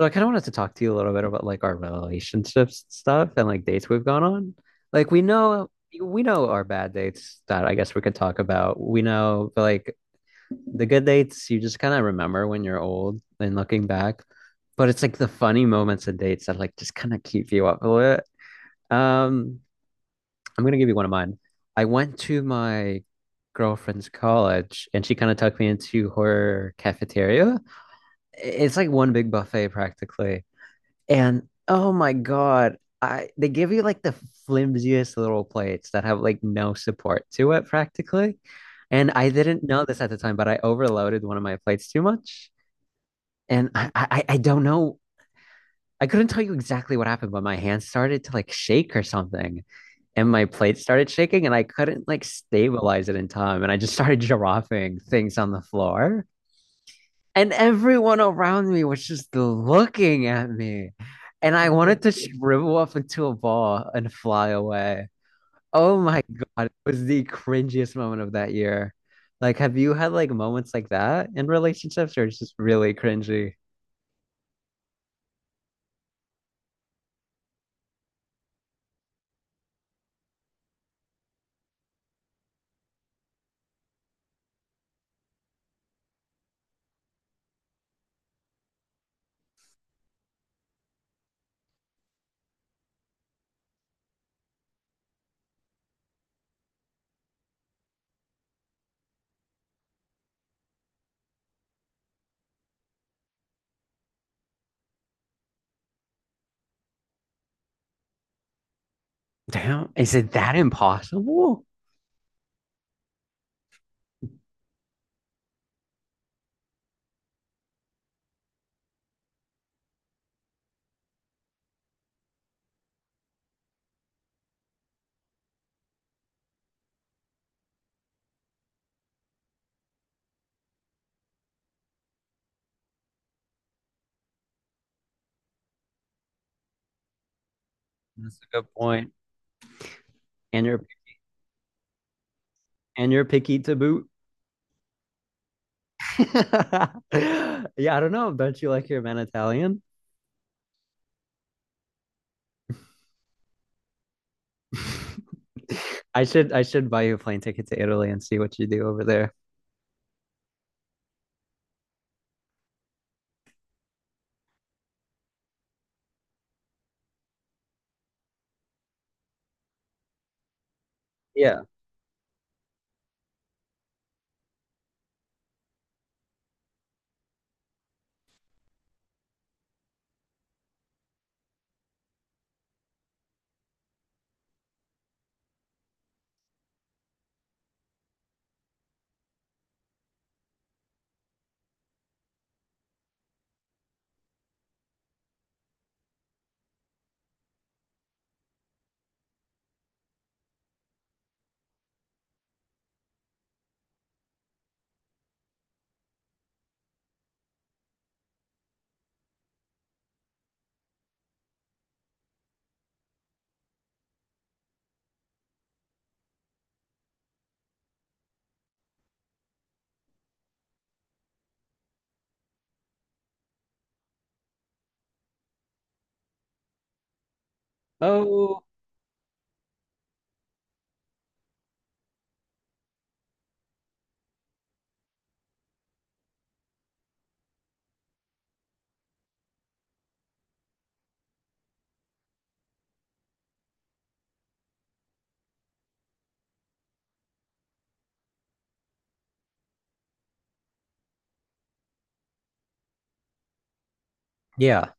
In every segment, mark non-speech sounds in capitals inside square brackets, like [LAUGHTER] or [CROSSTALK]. So I kind of wanted to talk to you a little bit about like our relationships stuff and like dates we've gone on. Like we know our bad dates that I guess we could talk about. We know but like the good dates you just kind of remember when you're old and looking back. But it's like the funny moments of dates that like just kind of keep you up a little bit. Um, I'm gonna give you one of mine. I went to my girlfriend's college and she kind of took me into her cafeteria. It's like one big buffet practically and oh my God, I they give you like the flimsiest little plates that have like no support to it practically. And I didn't know this at the time, but I overloaded one of my plates too much. And I don't know. I couldn't tell you exactly what happened, but my hand started to like shake or something. And my plate started shaking and I couldn't like stabilize it in time. And I just started [LAUGHS] giraffing things on the floor and everyone around me was just looking at me. And I wanted to shrivel up into a ball and fly away. Oh my God, it was the cringiest moment of that year. Like, have you had like moments like that in relationships or it's just really cringy? Damn, is it that impossible? That's a good point. And you're and you're picky to boot. [LAUGHS] Yeah, I don't know. Don't you like your man Italian? [LAUGHS] I should buy you a plane ticket to Italy and see what you do over there. Yeah. Oh, yeah.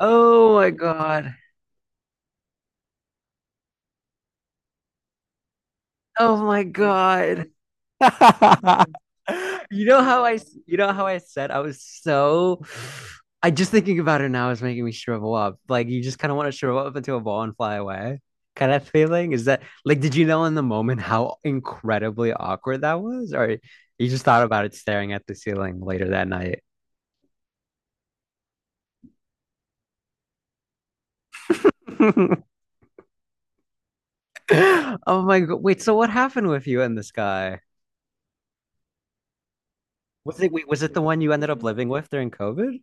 Oh my God. Oh my God. [LAUGHS] You know how I. you know how I said I was so I just thinking about it now is making me shrivel up. Like you just kind of want to shrivel up into a ball and fly away. Kind of feeling is that like did you know in the moment how incredibly awkward that was? Or you just thought about it staring at the ceiling later that night? [LAUGHS] [LAUGHS] Oh my God. Wait, so what happened with you and this guy? Was it the one you ended up living with during COVID?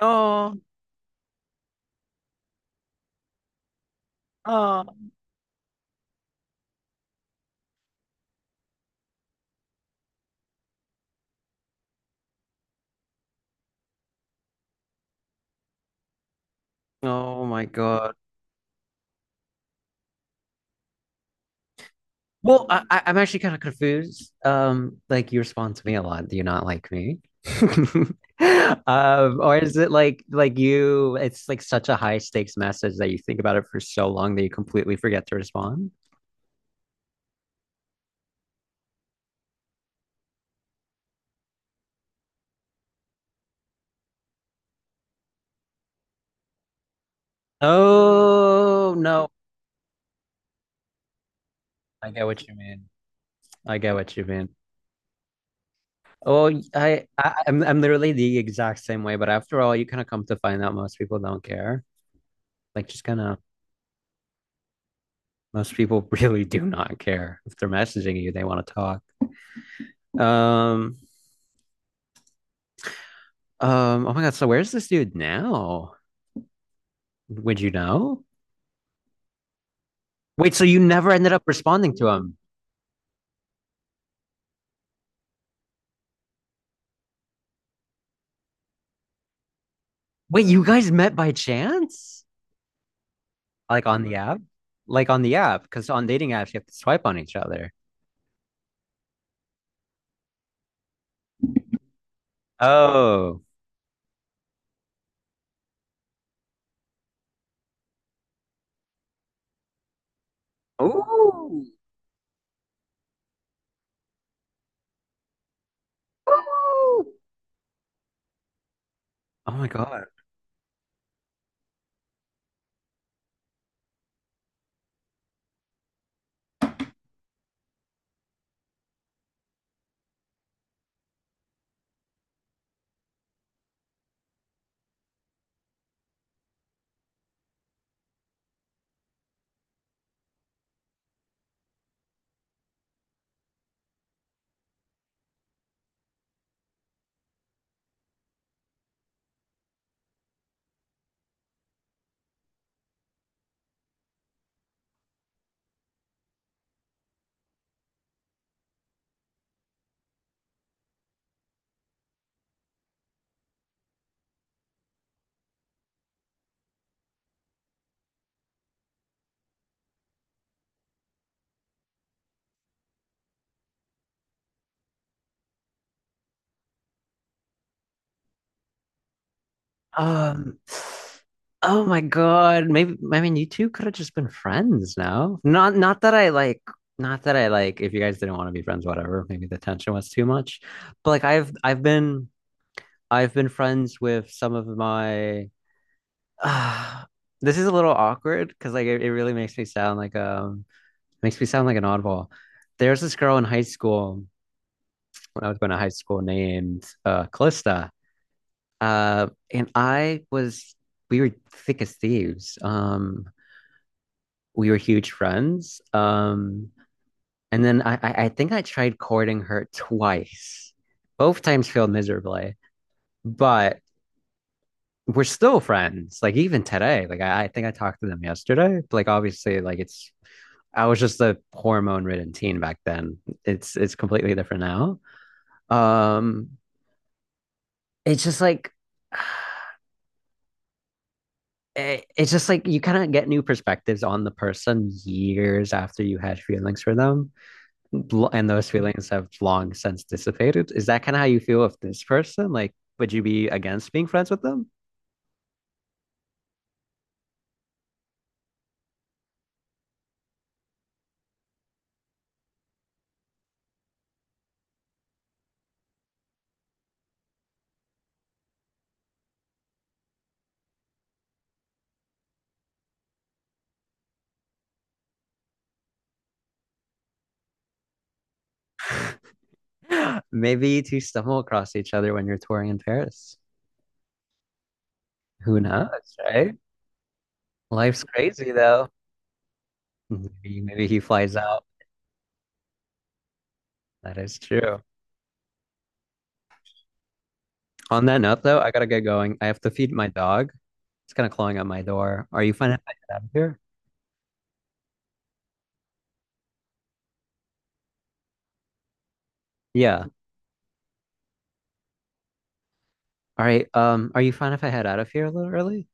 Oh, oh. Oh my God. Well, I'm actually kind of confused. Like you respond to me a lot. Do you not like me? [LAUGHS] Or is it like you, it's like such a high stakes message that you think about it for so long that you completely forget to respond? Oh no, I get what you mean. I get what you mean. Oh, I'm literally the exact same way, but after all, you kind of come to find out most people don't care. Like just kind of most people [LAUGHS] really do not care if they're messaging you, they want to talk. Um, oh my God, so where's this dude now? Would you know? Wait, so you never ended up responding to him? Wait, you guys met by chance? Like on the app? Like on the app, because on dating apps you have to swipe on each other. Oh. Ooh. Ooh. Oh my God. Um, oh my God. Maybe I mean you two could have just been friends now. Not not that I like not that I like if you guys didn't want to be friends, whatever. Maybe the tension was too much. But like I've been friends with some of my [SIGHS] this is a little awkward because like it really makes me sound like makes me sound like an oddball. There's this girl in high school when I was going to high school named Calista. And I was, we were thick as thieves. We were huge friends. And then I think I tried courting her twice. Both times failed miserably, but we're still friends. Like even today, like I think I talked to them yesterday. Like obviously, like it's I was just a hormone-ridden teen back then. It's completely different now. Um, it's just like eh, it's just like you kind of get new perspectives on the person years after you had feelings for them, and those feelings have long since dissipated. Is that kind of how you feel with this person? Like, would you be against being friends with them? [GASPS] Maybe to stumble across each other when you're touring in Paris. Who knows, right? Life's crazy though. Maybe, maybe he flies out. That is true. On that note, though, I gotta get going. I have to feed my dog. It's kind of clawing at my door. Are you fine if I get out of here? Yeah. All right. Are you fine if I head out of here a little early?